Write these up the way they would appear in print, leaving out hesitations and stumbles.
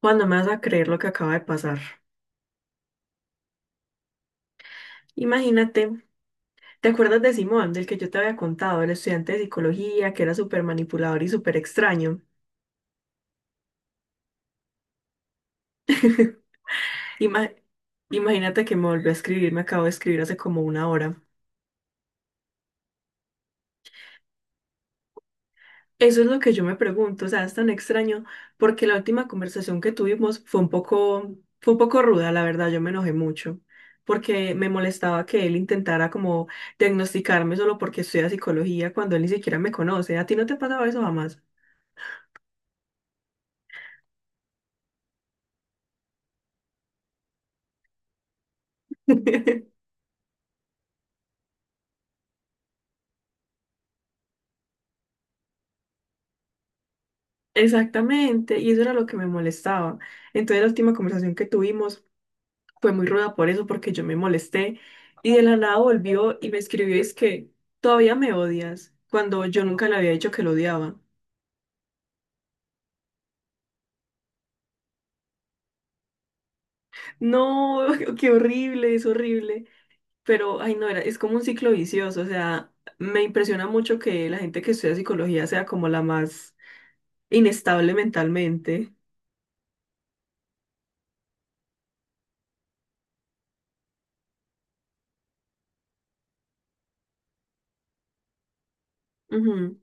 Cuando me vas a creer lo que acaba de pasar. Imagínate, ¿te acuerdas de Simón, del que yo te había contado, el estudiante de psicología, que era súper manipulador y súper extraño? Ima- imagínate que me volvió a escribir, me acabo de escribir hace como una hora. Eso es lo que yo me pregunto, o sea, es tan extraño porque la última conversación que tuvimos fue un poco ruda, la verdad, yo me enojé mucho porque me molestaba que él intentara como diagnosticarme solo porque estudia psicología cuando él ni siquiera me conoce. ¿A ti no te pasaba eso jamás? Exactamente, y eso era lo que me molestaba. Entonces la última conversación que tuvimos fue muy ruda por eso, porque yo me molesté y de la nada volvió y me escribió, es que todavía me odias, cuando yo nunca le había dicho que lo odiaba. No, qué horrible, es horrible. Pero, ay, no, era, es como un ciclo vicioso. O sea, me impresiona mucho que la gente que estudia psicología sea como la más inestable mentalmente. Ujú,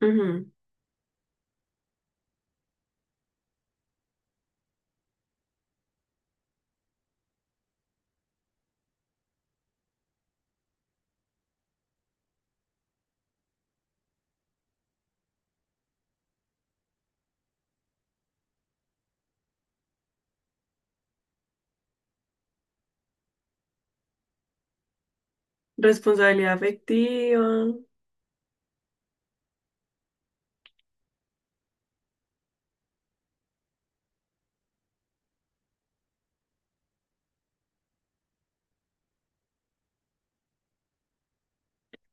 ujú. Responsabilidad afectiva.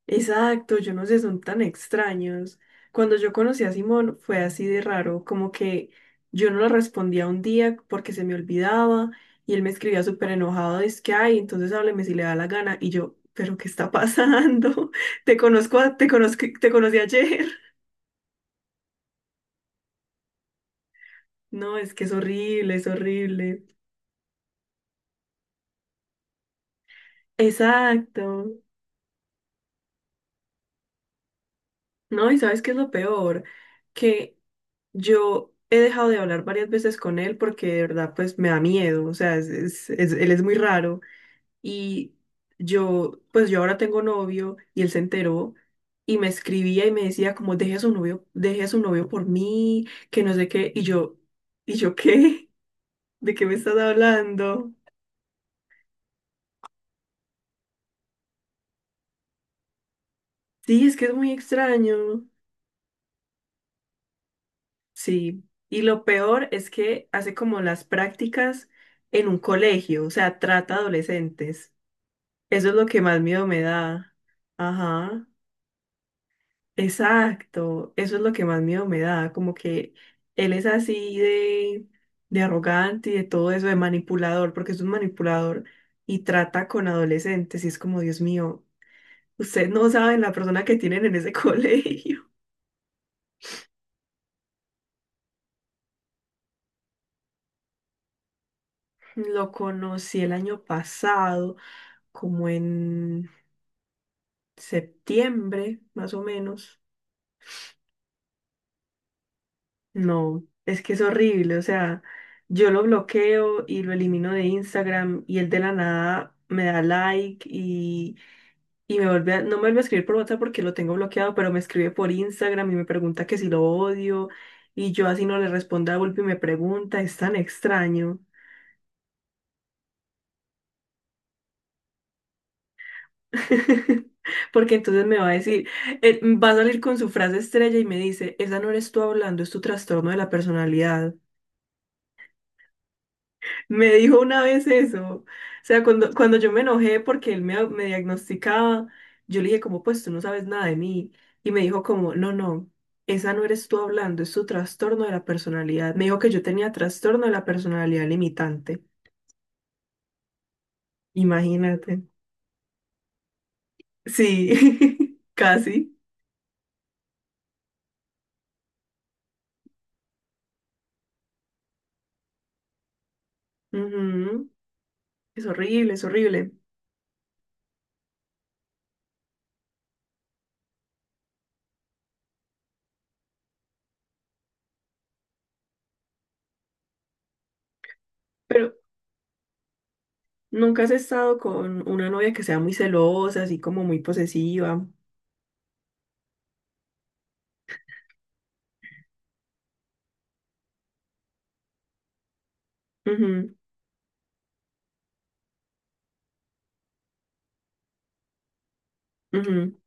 Exacto, yo no sé, son tan extraños. Cuando yo conocí a Simón fue así de raro, como que yo no le respondía un día porque se me olvidaba y él me escribía súper enojado, es que, ay, entonces hábleme si le da la gana. Y yo, pero ¿qué está pasando? Te conozco, te conozco, te conocí ayer. No, es que es horrible, es horrible. Exacto. No, y ¿sabes qué es lo peor? Que yo he dejado de hablar varias veces con él porque de verdad pues me da miedo, o sea, es, él es muy raro y yo ahora tengo novio y él se enteró y me escribía y me decía como deje a su novio, deje a su novio por mí, que no sé qué ¿y yo qué? ¿De qué me estás hablando? Sí, es que es muy extraño. Sí, y lo peor es que hace como las prácticas en un colegio, o sea, trata adolescentes. Eso es lo que más miedo me da. Ajá, exacto. Eso es lo que más miedo me da. Como que él es así de arrogante y de todo eso, de manipulador, porque es un manipulador y trata con adolescentes. Y es como, Dios mío, ustedes no saben la persona que tienen en ese colegio. Lo conocí el año pasado, como en septiembre, más o menos. No, es que es horrible, o sea, yo lo bloqueo y lo elimino de Instagram y él de la nada me da like y me vuelve no me vuelve a escribir por WhatsApp porque lo tengo bloqueado, pero me escribe por Instagram y me pregunta que si lo odio y yo así no le respondo a golpe y me pregunta, es tan extraño. Porque entonces me va a decir, va a salir con su frase estrella y me dice, esa no eres tú hablando, es tu trastorno de la personalidad. Me dijo una vez eso. O sea, cuando yo me enojé porque él me diagnosticaba, yo le dije como, pues tú no sabes nada de mí. Y me dijo como, no, no, esa no eres tú hablando, es tu trastorno de la personalidad. Me dijo que yo tenía trastorno de la personalidad limitante. Imagínate. Sí, casi. Ujú. Es horrible, es horrible. Pero nunca has estado con una novia que sea muy celosa, así como muy posesiva. Ujú, ujú,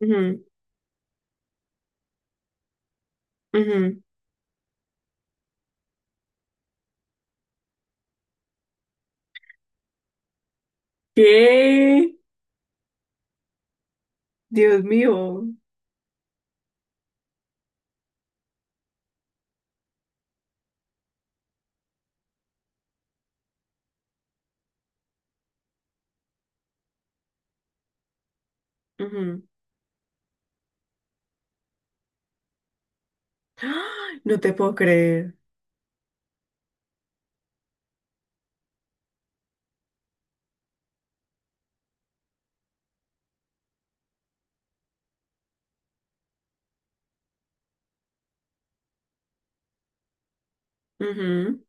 ujú, ujú. ¿Qué? Dios mío. Ujú. ¡Ah! No te puedo creer. Ujú,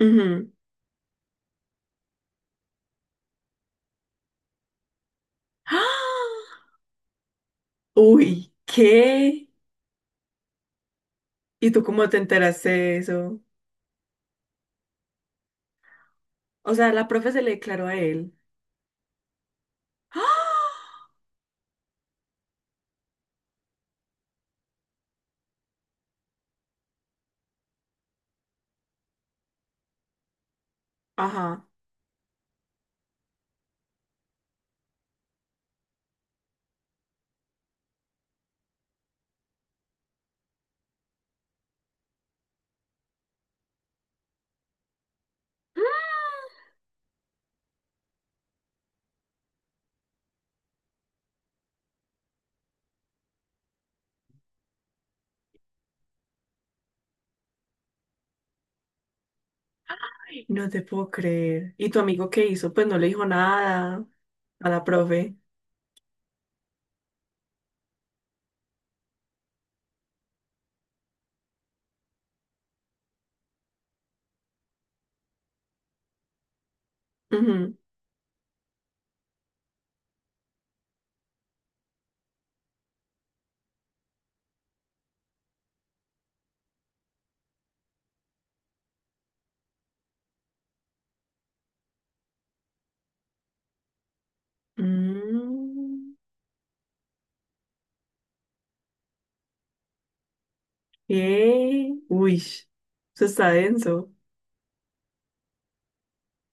ujú. ¡Ah! Uy, ¿qué? ¿Y tú cómo te enteraste de eso? O sea, la profe se le declaró a él. ¡Ah! Ajá. Ay, no te puedo creer. ¿Y tu amigo qué hizo? Pues no le dijo nada a la profe. Ujú. Mm, ¿qué? Uy, eso está denso.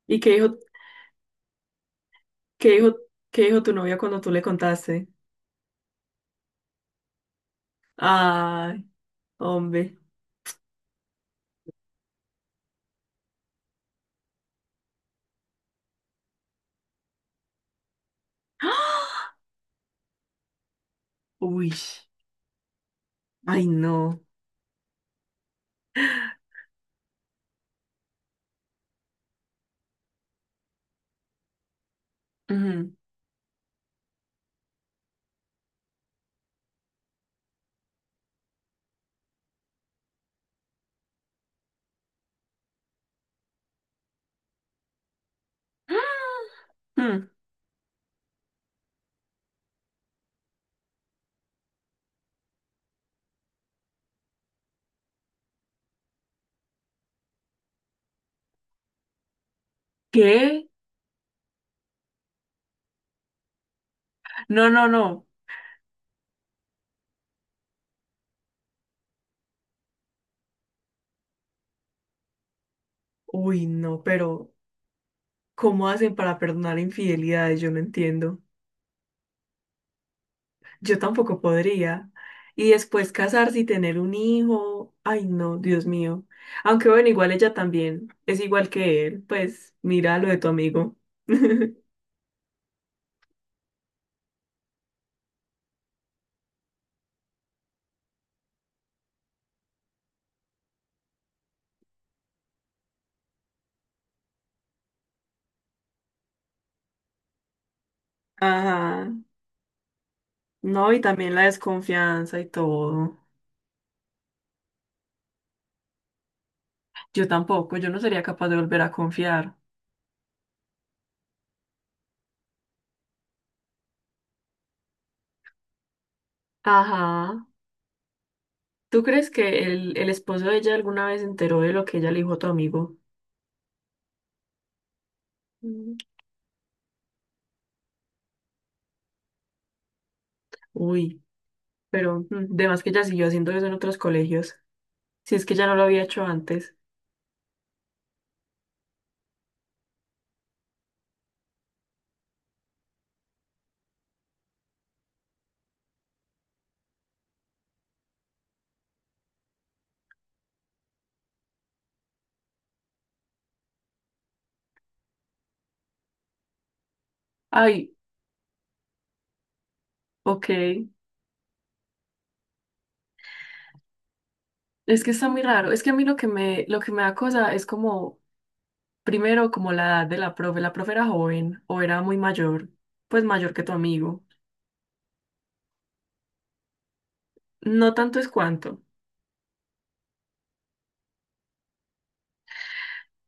¿Y qué dijo, qué dijo, qué dijo tu novia cuando tú le contaste? Ay, hombre. ¡Ah! Uy. Ay, no. Ujú. Mm, ¿qué? No, no, no. Uy, no, pero ¿cómo hacen para perdonar infidelidades? Yo no entiendo. Yo tampoco podría. Y después casarse y tener un hijo. Ay, no, Dios mío. Aunque bueno, igual ella también es igual que él. Pues mira lo de tu amigo. Ajá. No, y también la desconfianza y todo. Yo tampoco, yo no sería capaz de volver a confiar. Ajá. ¿Tú crees que el esposo de ella alguna vez se enteró de lo que ella le dijo a tu amigo? Mm. Uy, pero mm, de más que ella siguió haciendo eso en otros colegios. Si es que ya no lo había hecho antes. Ay, ok. Es que está muy raro. Es que a mí lo que lo que me da cosa es como, primero, como la edad de la profe. La profe era joven o era muy mayor, pues mayor que tu amigo. No tanto es cuanto.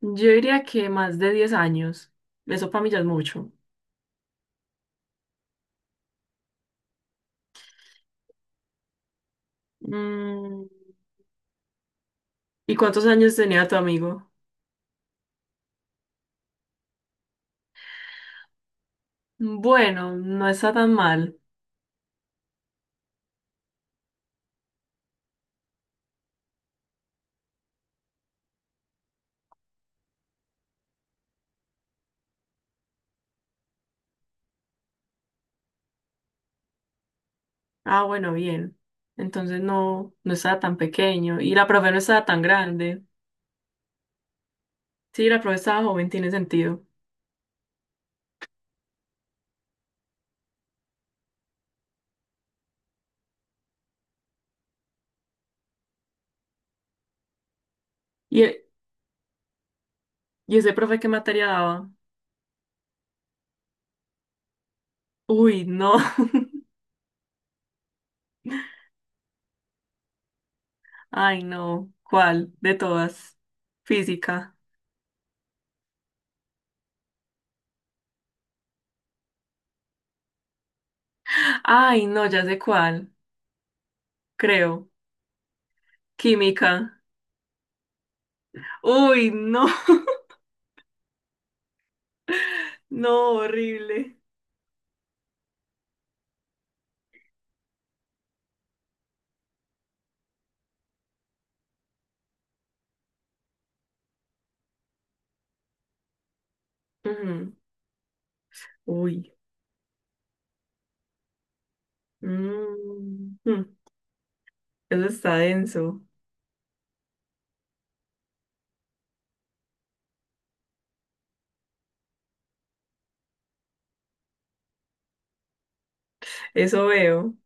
Yo diría que más de 10 años. Eso para mí ya es mucho. Mm, ¿y cuántos años tenía tu amigo? Bueno, no está tan mal. Ah, bueno, bien. Entonces no, no estaba tan pequeño. Y la profe no estaba tan grande. Sí, la profe estaba joven, tiene sentido. ¿Y, y ese profe qué materia daba? Uy, no. Ay, no. ¿Cuál? De todas. Física. Ay, no, ya sé cuál. Creo. Química. Uy, no. No, horrible. Ujú. Uy. Mm. Eso está denso. Eso veo.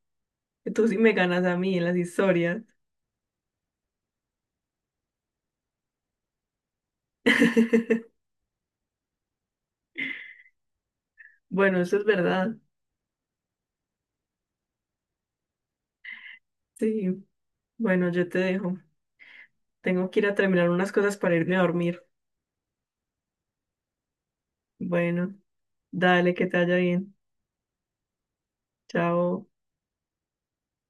Tú sí me ganas a mí en las historias. Bueno, eso es verdad. Sí. Bueno, yo te dejo. Tengo que ir a terminar unas cosas para irme a dormir. Bueno, dale, que te vaya bien. Chao.